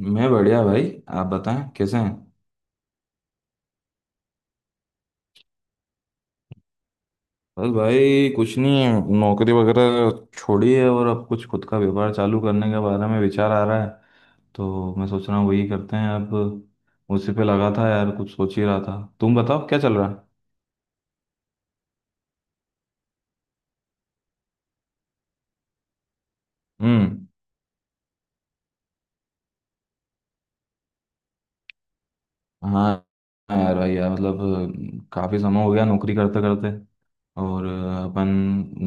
मैं बढ़िया भाई। आप बताएं कैसे हैं। बस भाई कुछ नहीं, नौकरी वगैरह छोड़ी है और अब कुछ खुद का व्यापार चालू करने के बारे में विचार आ रहा है। तो मैं सोच रहा हूँ वही करते हैं अब। उसी पे लगा था यार, कुछ सोच ही रहा था। तुम बताओ क्या चल रहा है। हम्म। हाँ। हाँ यार, भाई यार, मतलब काफ़ी समय हो गया नौकरी करते करते। और अपन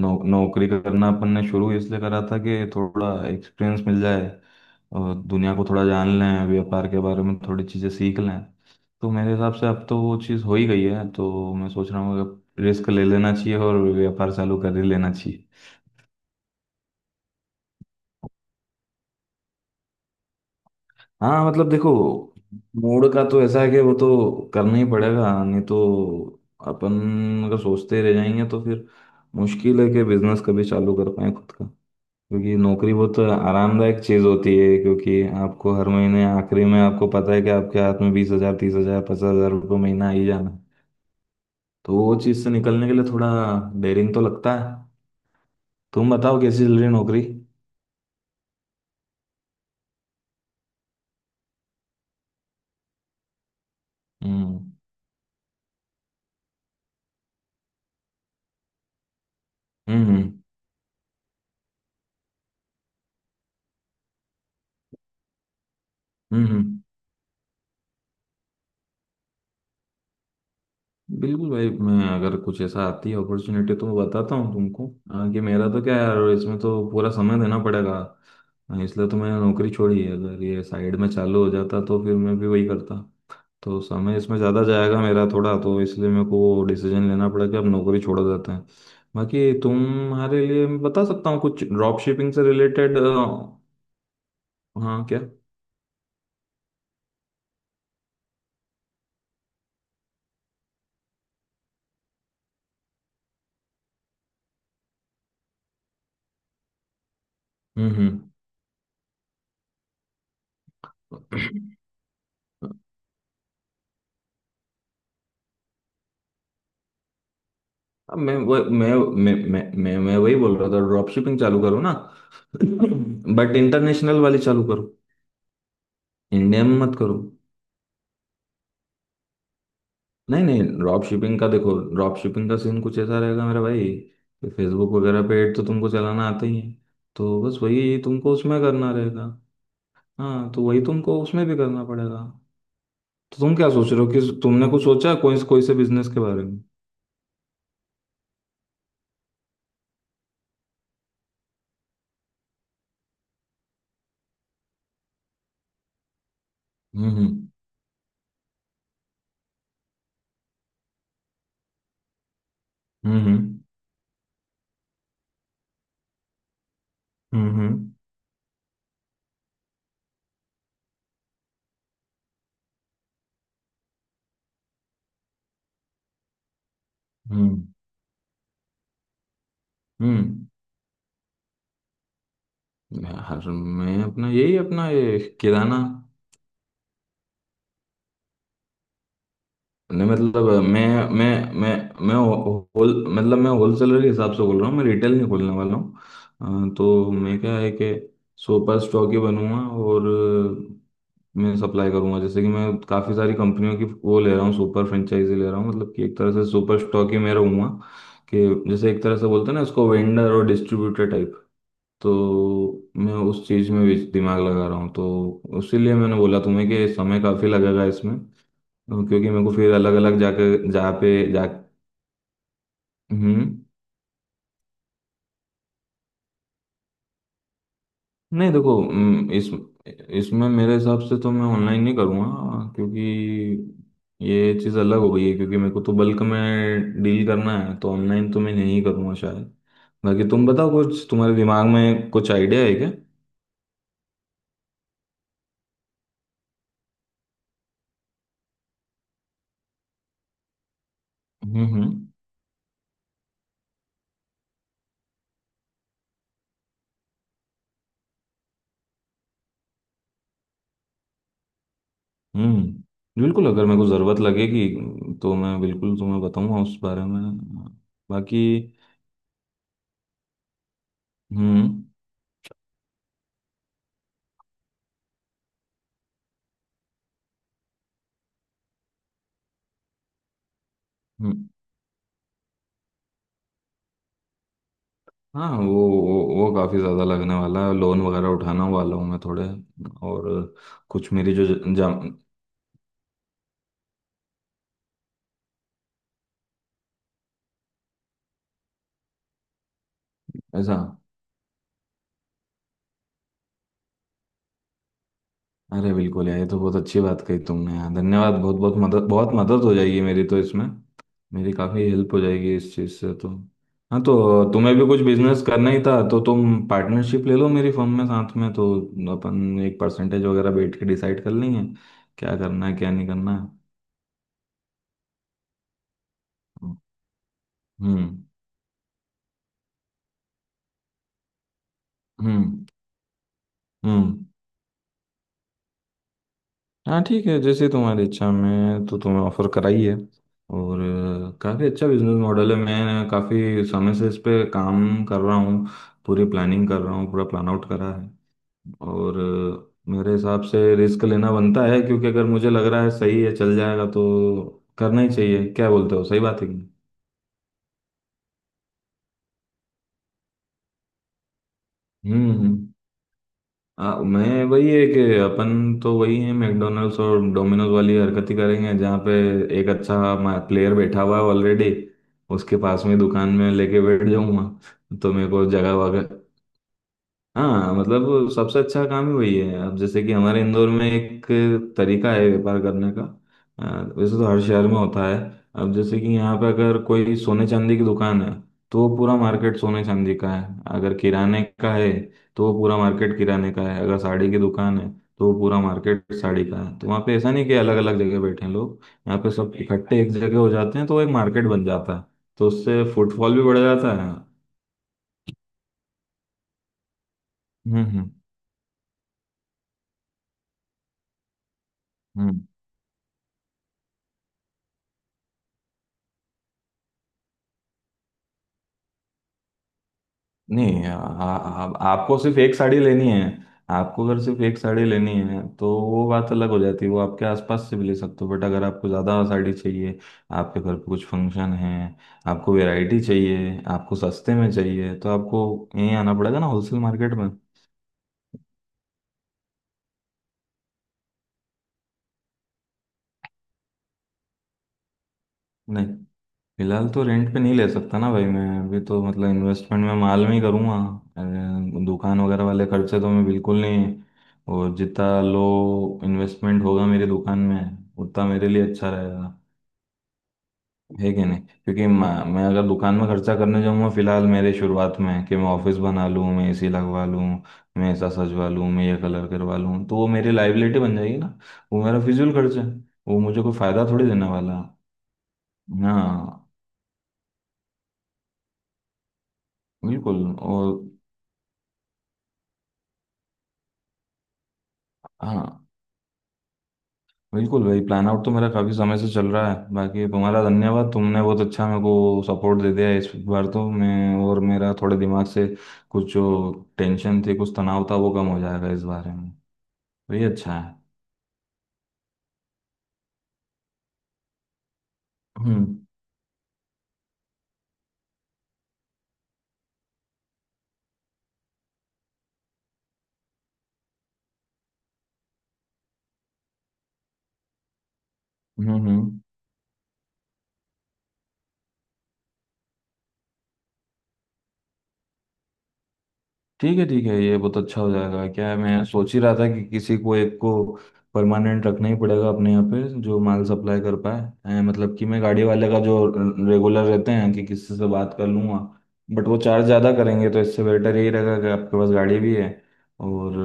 नौकरी करना अपन ने शुरू इसलिए करा था कि थोड़ा एक्सपीरियंस मिल जाए और दुनिया को थोड़ा जान लें, व्यापार के बारे में थोड़ी चीज़ें सीख लें। तो मेरे हिसाब से अब तो वो चीज़ हो ही गई है, तो मैं सोच रहा हूँ कि रिस्क ले लेना चाहिए और व्यापार चालू कर ही लेना चाहिए। हाँ मतलब देखो, मूड का तो ऐसा है कि वो तो करना ही पड़ेगा, नहीं तो अपन अगर सोचते रह जाएंगे तो फिर मुश्किल है कि बिजनेस कभी चालू कर पाए खुद का। क्योंकि नौकरी बहुत आरामदायक चीज़ होती है, क्योंकि आपको हर महीने आखिरी में आपको पता है कि आपके हाथ में 20,000, 30,000, 50,000 रुपये महीना आ ही जाना। तो वो चीज़ से निकलने के लिए थोड़ा डेरिंग तो लगता है। तुम बताओ कैसी चल रही है नौकरी। हम्म। हम्म हम्म हम्म। बिल्कुल भाई, मैं अगर कुछ ऐसा आती है अपॉर्चुनिटी तो मैं बताता हूँ तुमको। कि मेरा तो क्या है यार, इसमें तो पूरा समय देना पड़ेगा। इसलिए तो मैंने नौकरी छोड़ी है, अगर ये साइड में चालू हो जाता तो फिर मैं भी वही करता। तो समय इसमें ज़्यादा जाएगा मेरा थोड़ा, तो इसलिए मेरे को डिसीजन लेना पड़ा कि अब नौकरी छोड़ देते हैं। बाकी तुम्हारे लिए मैं बता सकता हूँ कुछ ड्रॉप शिपिंग से रिलेटेड। हाँ क्या। हम्म। अब मैं वह- मैं वही बोल रहा था, ड्रॉप शिपिंग चालू करो ना। बट इंटरनेशनल वाली चालू करो, इंडिया में मत करो। नहीं नहीं, ड्रॉप शिपिंग का देखो, ड्रॉप शिपिंग का सीन कुछ ऐसा रहेगा मेरा भाई, कि फेसबुक वगैरह पे एड तो तुमको चलाना आता ही है, तो बस वही तुमको उसमें करना रहेगा। हाँ तो वही तुमको उसमें भी करना पड़ेगा। तो तुम क्या सोच रहे हो, कि तुमने कुछ सोचा है कोई कोई से बिजनेस के बारे में। हम्म हम्म हम्म हम्म। हम्म हम्म, हम्म। यार मैं अपना यही अपना ये किराना। नहीं मतलब मैं मैं मैं होल मतलब मैं होलसेलर के हिसाब से बोल रहा हूँ, मैं रिटेल नहीं खोलने वाला हूँ। तो मैं क्या है कि सुपर स्टॉक ही बनूंगा। और मैं सप्लाई करूंगा, जैसे कि मैं काफ़ी सारी कंपनियों की वो ले रहा हूँ, सुपर फ्रेंचाइजी ले रहा हूँ, मतलब कि एक तरह से सुपर स्टॉक ही मैं रहूँगा। कि जैसे एक तरह से बोलते हैं ना इसको, वेंडर और डिस्ट्रीब्यूटर टाइप। तो मैं उस चीज़ में भी दिमाग लगा रहा हूँ, तो उसीलिए मैंने बोला तुम्हें कि समय काफ़ी लगेगा इसमें। तो क्योंकि मेरे को फिर अलग अलग जाके जहाँ पे जा। हम्म। नहीं देखो, इस इसमें मेरे हिसाब से तो मैं ऑनलाइन नहीं करूँगा, क्योंकि ये चीज़ अलग हो गई है, क्योंकि मेरे को तो बल्क में डील करना है, तो ऑनलाइन तो मैं नहीं करूँगा शायद। बाकी तुम बताओ, कुछ तुम्हारे दिमाग में कुछ आइडिया है क्या। हम्म। बिल्कुल, अगर मेरे को ज़रूरत लगेगी तो मैं बिल्कुल तुम्हें बताऊंगा उस बारे में। बाकी हम्म हम्म। हाँ वो काफ़ी ज़्यादा लगने वाला है, लोन वगैरह उठाना वाला हूँ मैं थोड़े। और कुछ मेरी जो जा ऐसा। अरे बिल्कुल यार, ये तो बहुत अच्छी बात कही तुमने यार। धन्यवाद, बहुत बहुत मदद, बहुत मदद हो जाएगी मेरी तो इसमें, मेरी काफ़ी हेल्प हो जाएगी इस चीज़ से तो। हाँ, तो तुम्हें भी कुछ बिजनेस करना ही था, तो तुम पार्टनरशिप ले लो मेरी फर्म में साथ में, तो अपन एक परसेंटेज वगैरह बैठ के डिसाइड कर लेंगे क्या करना है क्या नहीं करना है। हम्म हम्म हम्म। हाँ ठीक है जैसे तुम्हारी इच्छा, में तो तुम्हें ऑफर कराई है। और काफ़ी अच्छा बिजनेस मॉडल है, मैं काफ़ी समय से इस पे काम कर रहा हूँ, पूरी प्लानिंग कर रहा हूँ, पूरा प्लान आउट करा है। और मेरे हिसाब से रिस्क लेना बनता है, क्योंकि अगर मुझे लग रहा है सही है, चल जाएगा, तो करना ही चाहिए। क्या बोलते हो, सही बात है कि नहीं? हम्म। हाँ मैं वही है कि अपन तो वही है, मैकडोनल्ड्स और डोमिनोज वाली हरकत ही करेंगे, जहाँ पे एक अच्छा प्लेयर बैठा हुआ है ऑलरेडी, उसके पास में दुकान में लेके बैठ जाऊंगा तो मेरे को जगह। हाँ मतलब सबसे अच्छा काम ही वही है। अब जैसे कि हमारे इंदौर में एक तरीका है व्यापार करने का, वैसे तो हर शहर में होता है। अब जैसे कि यहाँ पे अगर कोई सोने चांदी की दुकान है, तो वो पूरा मार्केट सोने चांदी का है। अगर किराने का है, तो वो पूरा मार्केट किराने का है। अगर साड़ी की दुकान है, तो वो पूरा मार्केट साड़ी का है। तो वहाँ पे ऐसा नहीं कि अलग अलग जगह बैठे हैं लोग, यहाँ पे सब इकट्ठे एक जगह हो जाते हैं, तो एक मार्केट बन जाता है, तो उससे फुटफॉल भी बढ़ जाता है। हम्म हम्म हम्म। नहीं आ, आ, आपको सिर्फ एक साड़ी लेनी है। आपको अगर सिर्फ एक साड़ी लेनी है तो वो बात अलग हो जाती है, वो आपके आसपास से भी ले सकते हो। बट अगर आपको ज़्यादा साड़ी चाहिए, आपके घर पे कुछ फंक्शन है, आपको वैरायटी चाहिए, आपको सस्ते में चाहिए, तो आपको यहीं आना पड़ेगा ना होलसेल मार्केट में। नहीं, फिलहाल तो रेंट पे नहीं ले सकता ना भाई, मैं अभी तो मतलब इन्वेस्टमेंट में माल में ही करूँगा। दुकान वगैरह वाले खर्चे तो मैं बिल्कुल नहीं। और जितना लो इन्वेस्टमेंट होगा मेरी दुकान में, उतना मेरे लिए अच्छा रहेगा। है कि नहीं, क्योंकि म- मैं अगर दुकान में खर्चा करने जाऊँगा फिलहाल मेरे शुरुआत में, कि मैं ऑफिस बना लूँ, मैं एसी लगवा लूँ, मैं ऐसा सजवा लूँ, मैं ये कलर करवा लूँ, तो वो मेरी लाइबिलिटी बन जाएगी ना, वो मेरा फिजूल खर्चा है, वो मुझे कोई फायदा थोड़ी देने वाला है। हाँ बिल्कुल। और हाँ बिल्कुल भाई, प्लान आउट तो मेरा काफ़ी समय से चल रहा है। बाकी तुम्हारा धन्यवाद, तुमने बहुत अच्छा मेरे को सपोर्ट दे दिया इस बार, तो मैं और मेरा थोड़े दिमाग से कुछ जो टेंशन थी, कुछ तनाव था, वो कम हो जाएगा इस बारे में, तो ये अच्छा है। हम्म हम्म। ठीक है ठीक है, ये बहुत अच्छा हो जाएगा। क्या है, मैं सोच ही रहा था कि किसी को एक को परमानेंट रखना ही पड़ेगा अपने यहाँ पे जो माल सप्लाई कर पाए। हैं, मतलब कि मैं गाड़ी वाले का जो रेगुलर रहते हैं, कि किसी से बात कर लूँगा, बट वो चार्ज ज़्यादा करेंगे, तो इससे बेटर यही रहेगा कि आपके पास गाड़ी भी है। और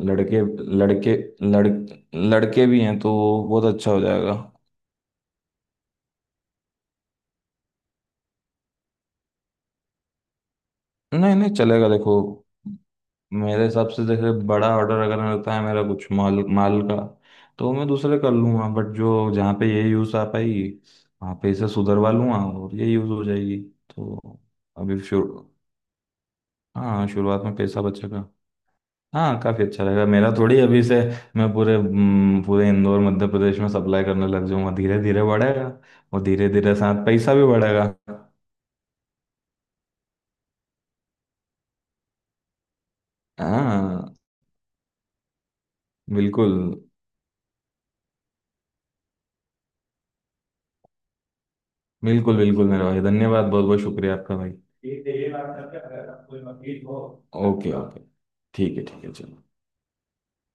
लड़के लड़के लड़ लड़के भी हैं तो बहुत अच्छा हो जाएगा। नहीं नहीं चलेगा देखो, मेरे हिसाब से जैसे बड़ा ऑर्डर अगर रहता है मेरा कुछ माल माल का, तो मैं दूसरे कर लूंगा। बट जो जहाँ पे ये यूज़ आ पाएगी, वहाँ पे इसे सुधरवा लूंगा और ये यूज़ हो जाएगी तो। अभी शुरू। हाँ शुरुआत में पैसा बचेगा, हाँ काफ़ी अच्छा रहेगा। मेरा थोड़ी अभी से मैं पूरे पूरे इंदौर मध्य प्रदेश में सप्लाई करने लग जाऊंगा, धीरे धीरे बढ़ेगा और धीरे धीरे साथ पैसा भी बढ़ेगा। हाँ बिल्कुल। बिल्कुल मेरे भाई, धन्यवाद, बहुत बहुत शुक्रिया आपका भाई। ठीक है, ये बात करके अगर आपको कोई वकील हो। ओके ओके, ठीक है चलो।